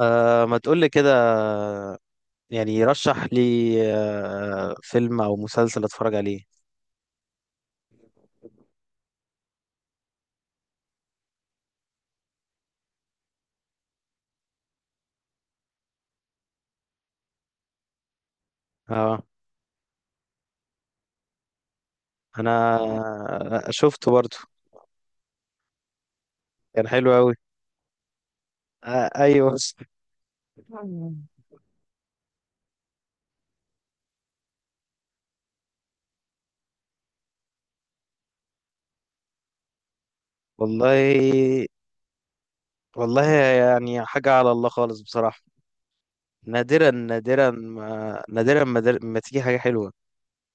أه، ما تقول لي كده، يعني رشح لي فيلم او مسلسل اتفرج عليه. اه، انا شفته برضو. كان حلو قوي. أه، ايوه. والله والله يعني حاجة على الله خالص بصراحة. نادرا ما تيجي حاجة حلوة.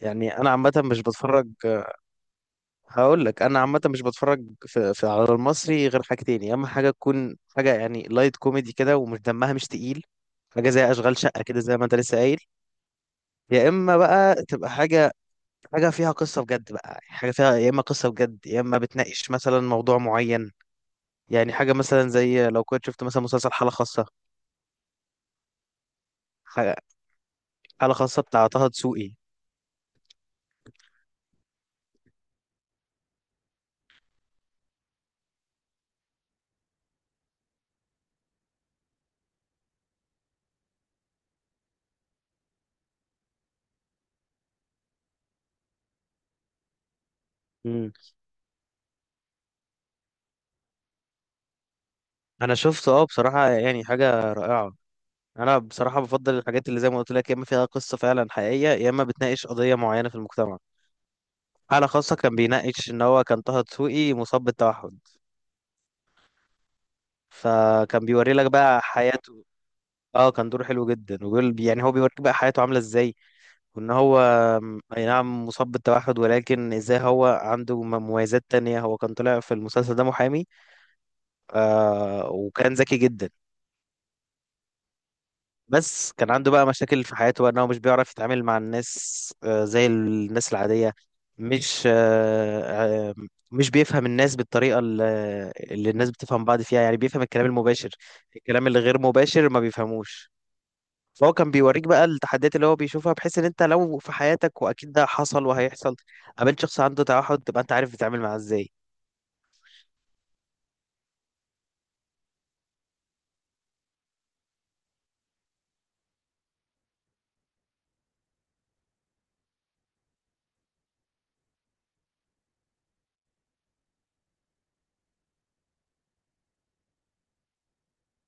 يعني انا عامة مش بتفرج. هقول لك، انا عامه مش بتفرج في على المصري غير حاجتين، يا اما حاجه تكون حاجه يعني لايت كوميدي كده ومش دمها مش تقيل، حاجه زي اشغال شقه كده زي ما انت لسه قايل، يا اما بقى تبقى حاجه، حاجه فيها قصه بجد بقى، حاجه فيها يا اما قصه بجد يا اما بتناقش مثلا موضوع معين. يعني حاجه مثلا زي لو كنت شفت مثلا مسلسل حاله خاصه، حاجه حاله خاصه بتاع طه دسوقي. مم. انا شفته، اه بصراحه يعني حاجه رائعه. انا بصراحه بفضل الحاجات اللي زي ما قلت لك يا اما فيها قصه فعلا حقيقيه يا اما بتناقش قضيه معينه في المجتمع. حاله خاصه كان بيناقش ان هو كان طه دسوقي مصاب بالتوحد، فكان بيوري لك بقى حياته. اه، كان دور حلو جدا، وبيقول يعني هو بيوريك بقى حياته عامله ازاي، وان هو اي نعم مصاب بالتوحد، ولكن ازاي هو عنده مميزات تانية. هو كان طلع في المسلسل ده محامي، آه، وكان ذكي جدا. بس كان عنده بقى مشاكل في حياته بقى، ان هو مش بيعرف يتعامل مع الناس زي الناس العادية. مش آه، آه، مش بيفهم الناس بالطريقة اللي الناس بتفهم بعض فيها، يعني بيفهم الكلام المباشر، الكلام اللي غير مباشر ما بيفهموش. فهو كان بيوريك بقى التحديات اللي هو بيشوفها، بحيث ان انت لو في حياتك، واكيد ده حصل وهيحصل، قابلت شخص عنده توحد، تبقى انت عارف تتعامل معاه ازاي.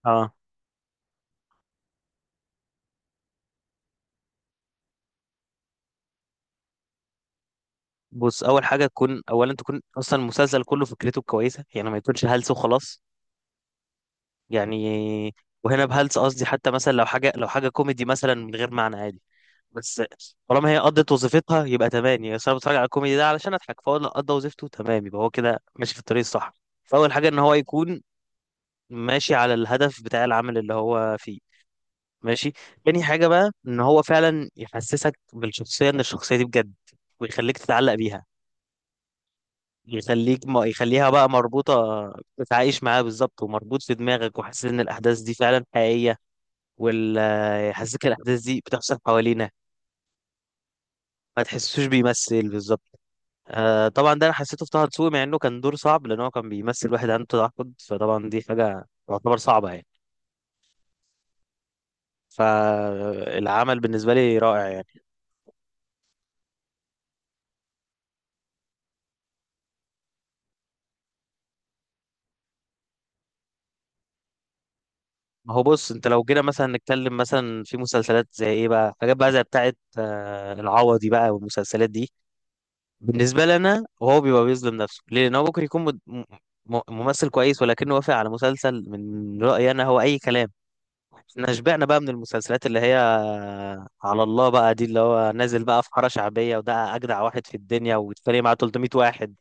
اه، بص، اول حاجه تكون اصلا المسلسل كله فكرته كويسه، يعني ما يكونش هلس وخلاص. يعني، وهنا بهلس قصدي حتى مثلا لو حاجه لو حاجه كوميدي مثلا من غير معنى عادي، بس طالما هي قضت وظيفتها يبقى تمام، يعني أصل انا بتفرج على الكوميدي ده علشان اضحك، فهو لو قضى وظيفته تمام يبقى هو كده ماشي في الطريق الصح. فاول حاجه ان هو يكون ماشي على الهدف بتاع العمل اللي هو فيه، ماشي. تاني حاجه بقى ان هو فعلا يحسسك بالشخصيه، ان الشخصيه دي بجد، ويخليك تتعلق بيها، يخليك، ما يخليها بقى مربوطه. تتعايش معاها بالظبط، ومربوط في دماغك وحاسس ان الاحداث دي فعلا حقيقيه، ويحسسك الاحداث دي بتحصل حوالينا. ما تحسوش بيمثل بالظبط. آه طبعا، ده انا حسيته في طه دسوقي، مع انه كان دور صعب، لان هو كان بيمثل واحد عنده تعقد، فطبعا دي حاجه تعتبر صعبه يعني. فالعمل بالنسبه لي رائع يعني. ما هو بص، انت لو جينا مثلا نتكلم مثلا في مسلسلات زي ايه بقى، حاجات بقى زي بتاعه آه العوضي بقى والمسلسلات دي، بالنسبه لنا هو بيبقى بيظلم نفسه ليه، لان هو ممكن يكون ممثل كويس، ولكنه وافق على مسلسل من رايي انا هو اي كلام. احنا شبعنا بقى من المسلسلات اللي هي على الله بقى، دي اللي هو نازل بقى في حارة شعبية، وده أجدع واحد في الدنيا ويتفرق معاه 300 واحد.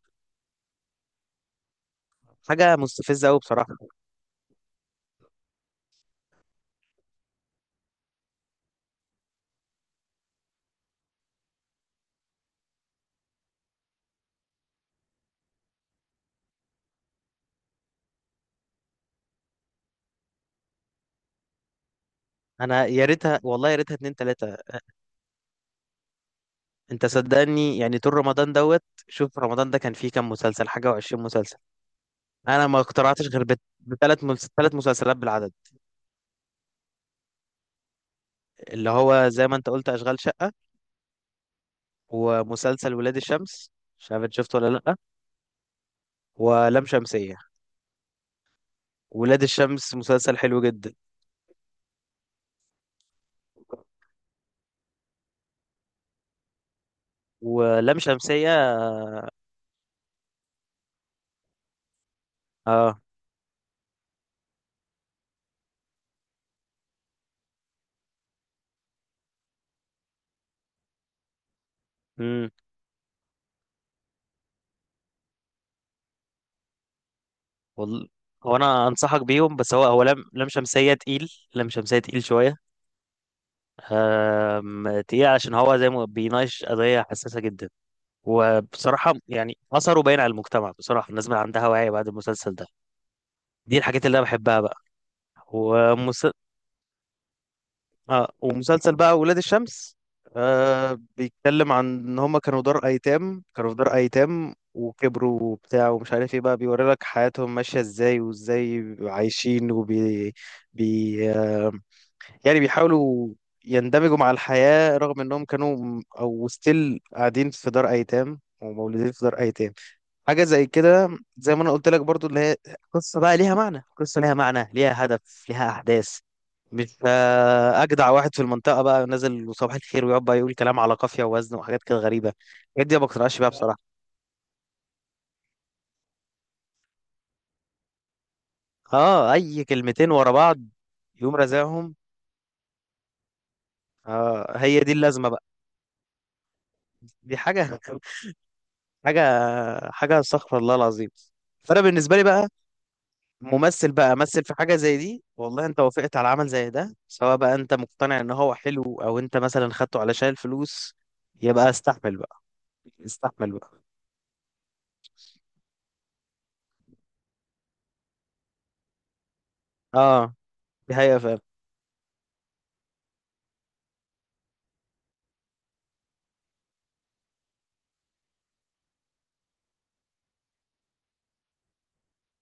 حاجة مستفزة أوي بصراحة. أنا يا ريتها، والله يا ريتها اتنين تلاتة. أنت صدقني، يعني طول رمضان دوت شوف، رمضان ده كان فيه كام مسلسل، حاجة وعشرين مسلسل. أنا ما اقتنعتش غير تلات مسلسلات بالعدد، اللي هو زي ما أنت قلت أشغال شقة، ومسلسل ولاد الشمس، مش عارف إنت شفته ولا لأ، ولام شمسية. ولاد الشمس مسلسل حلو جدا. ولام شمسية، اه امم. والله هو، انا انصحك بيهم، بس هو لم شمسيه تقيل شويه. آم، تقيل عشان هو زي ما بيناقش قضيه حساسه جدا، وبصراحه يعني اثره باين على المجتمع. بصراحه الناس بقى عندها وعي بعد المسلسل ده. دي الحاجات اللي انا بحبها بقى. اه، ومسلسل بقى ولاد الشمس آه بيتكلم عن ان هما كانوا دار ايتام، كانوا في دار ايتام وكبروا وبتاع ومش عارف ايه، بقى بيوري لك حياتهم ماشية ازاي، وازاي بيبقوا عايشين وبي بي آه يعني بيحاولوا يندمجوا مع الحياة، رغم انهم كانوا او ستيل قاعدين في دار ايتام ومولودين في دار ايتام. حاجة زي كده زي ما انا قلت لك برضو، اللي هي قصة بقى ليها معنى، قصة ليها معنى، ليها هدف، ليها احداث. مش اجدع واحد في المنطقة بقى نازل وصباح الخير ويقعد بقى يقول كلام على قافية ووزن وحاجات كده غريبة. الحاجات دي ما بقتنعش بيها بصراحة. اه، اي كلمتين ورا بعض يقوم رازعهم، آه هي دي اللازمة بقى. دي حاجة حاجة حاجة استغفر الله العظيم. فانا بالنسبة لي بقى، ممثل بقى مثل في حاجة زي دي، والله انت وافقت على عمل زي ده، سواء بقى انت مقتنع ان هو حلو او انت مثلا خدته علشان الفلوس، يبقى استحمل بقى، استحمل بقى. اه، دي حقيقة فعلا.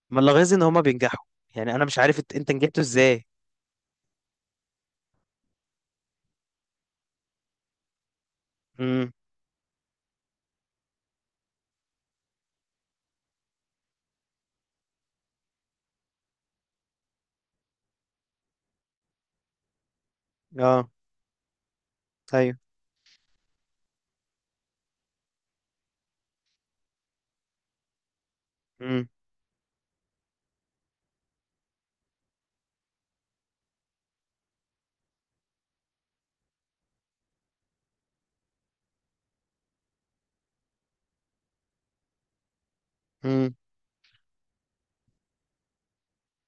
ما لاحظ ان هما بينجحوا، يعني انا مش عارف انت نجحته ازاي. امم، اه، ايوه، امم، امم،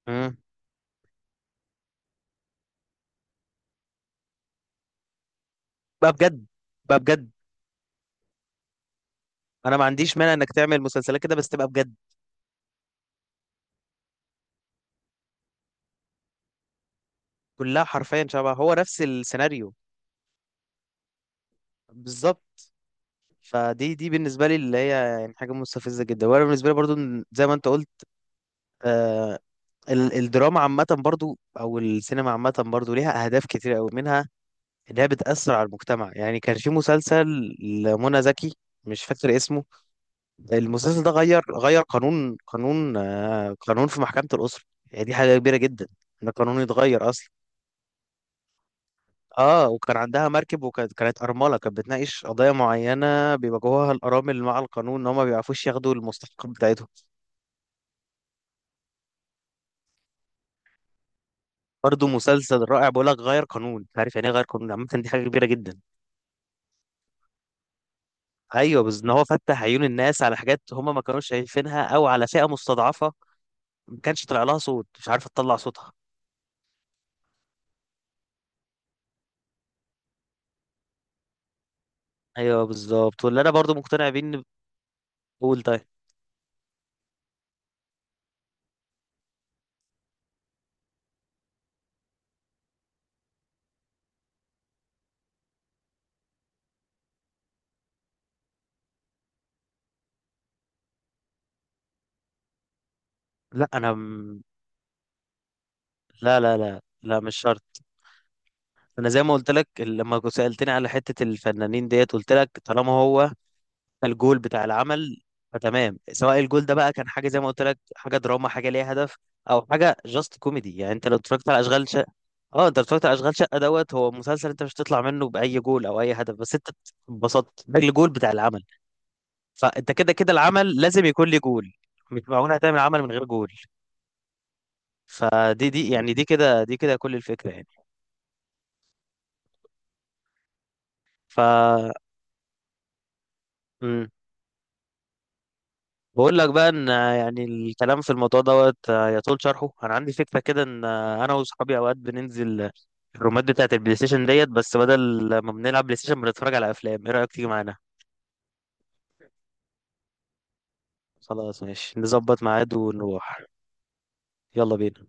امم. بقى بجد بقى بجد، انا ما عنديش مانع انك تعمل مسلسلات كده بس تبقى بجد. كلها حرفيا شبه، هو نفس السيناريو بالظبط. فدي بالنسبه لي اللي هي يعني حاجه مستفزه جدا. وانا بالنسبه لي برضو، زي ما انت قلت، آه الدراما عامه برضو او السينما عامه برضو ليها اهداف كتير قوي منها، انها بتاثر على المجتمع. يعني كان في مسلسل لمنى زكي، مش فاكر اسمه، المسلسل ده غير قانون في محكمه الاسره. يعني دي حاجه كبيره جدا، ان القانون يتغير اصلا. اه، وكان عندها مركب، وكانت ارمله. كانت بتناقش قضايا معينه بيواجهوها الارامل مع القانون، ان هم ما بيعرفوش ياخدوا المستحق بتاعتهم. برضه مسلسل رائع. بقول لك غير قانون، انت عارف يعني ايه غير قانون عامه، دي حاجه كبيره جدا. ايوه، بس ان هو فتح عيون الناس على حاجات هم ما كانوش شايفينها، او على فئه مستضعفه ما كانش طلع لها صوت، مش عارفه تطلع صوتها. ايوه بالظبط. واللي انا برضه مقتنع بيه ان، بقول طيب، لا، انا لا لا لا لا مش شرط. انا زي ما قلت لك لما كنت سالتني على حته الفنانين ديت، قلت لك طالما هو الجول بتاع العمل فتمام، سواء الجول ده بقى كان حاجه زي ما قلت لك، حاجه دراما حاجه ليها هدف، او حاجه جاست كوميدي، يعني انت لو اتفرجت على اشغال شقه، اه، انت لو اتفرجت على اشغال شقه دوت، هو مسلسل انت مش هتطلع منه باي جول او اي هدف، بس انت اتبسطت، ده الجول بتاع العمل. فانت كده كده العمل لازم يكون ليه جول، مش معقول هتعمل عمل من غير جول. فدي يعني دي كده كل الفكره يعني. ف بقول لك بقى ان يعني الكلام في الموضوع دوت يطول شرحه. انا عندي فكره كده ان انا واصحابي اوقات بننزل الرومات بتاعه البلاي ستيشن ديت، بس بدل ما بنلعب بلاي ستيشن بنتفرج على افلام. ايه رايك تيجي معانا؟ خلاص ماشي، نظبط ميعاد ونروح. يلا بينا.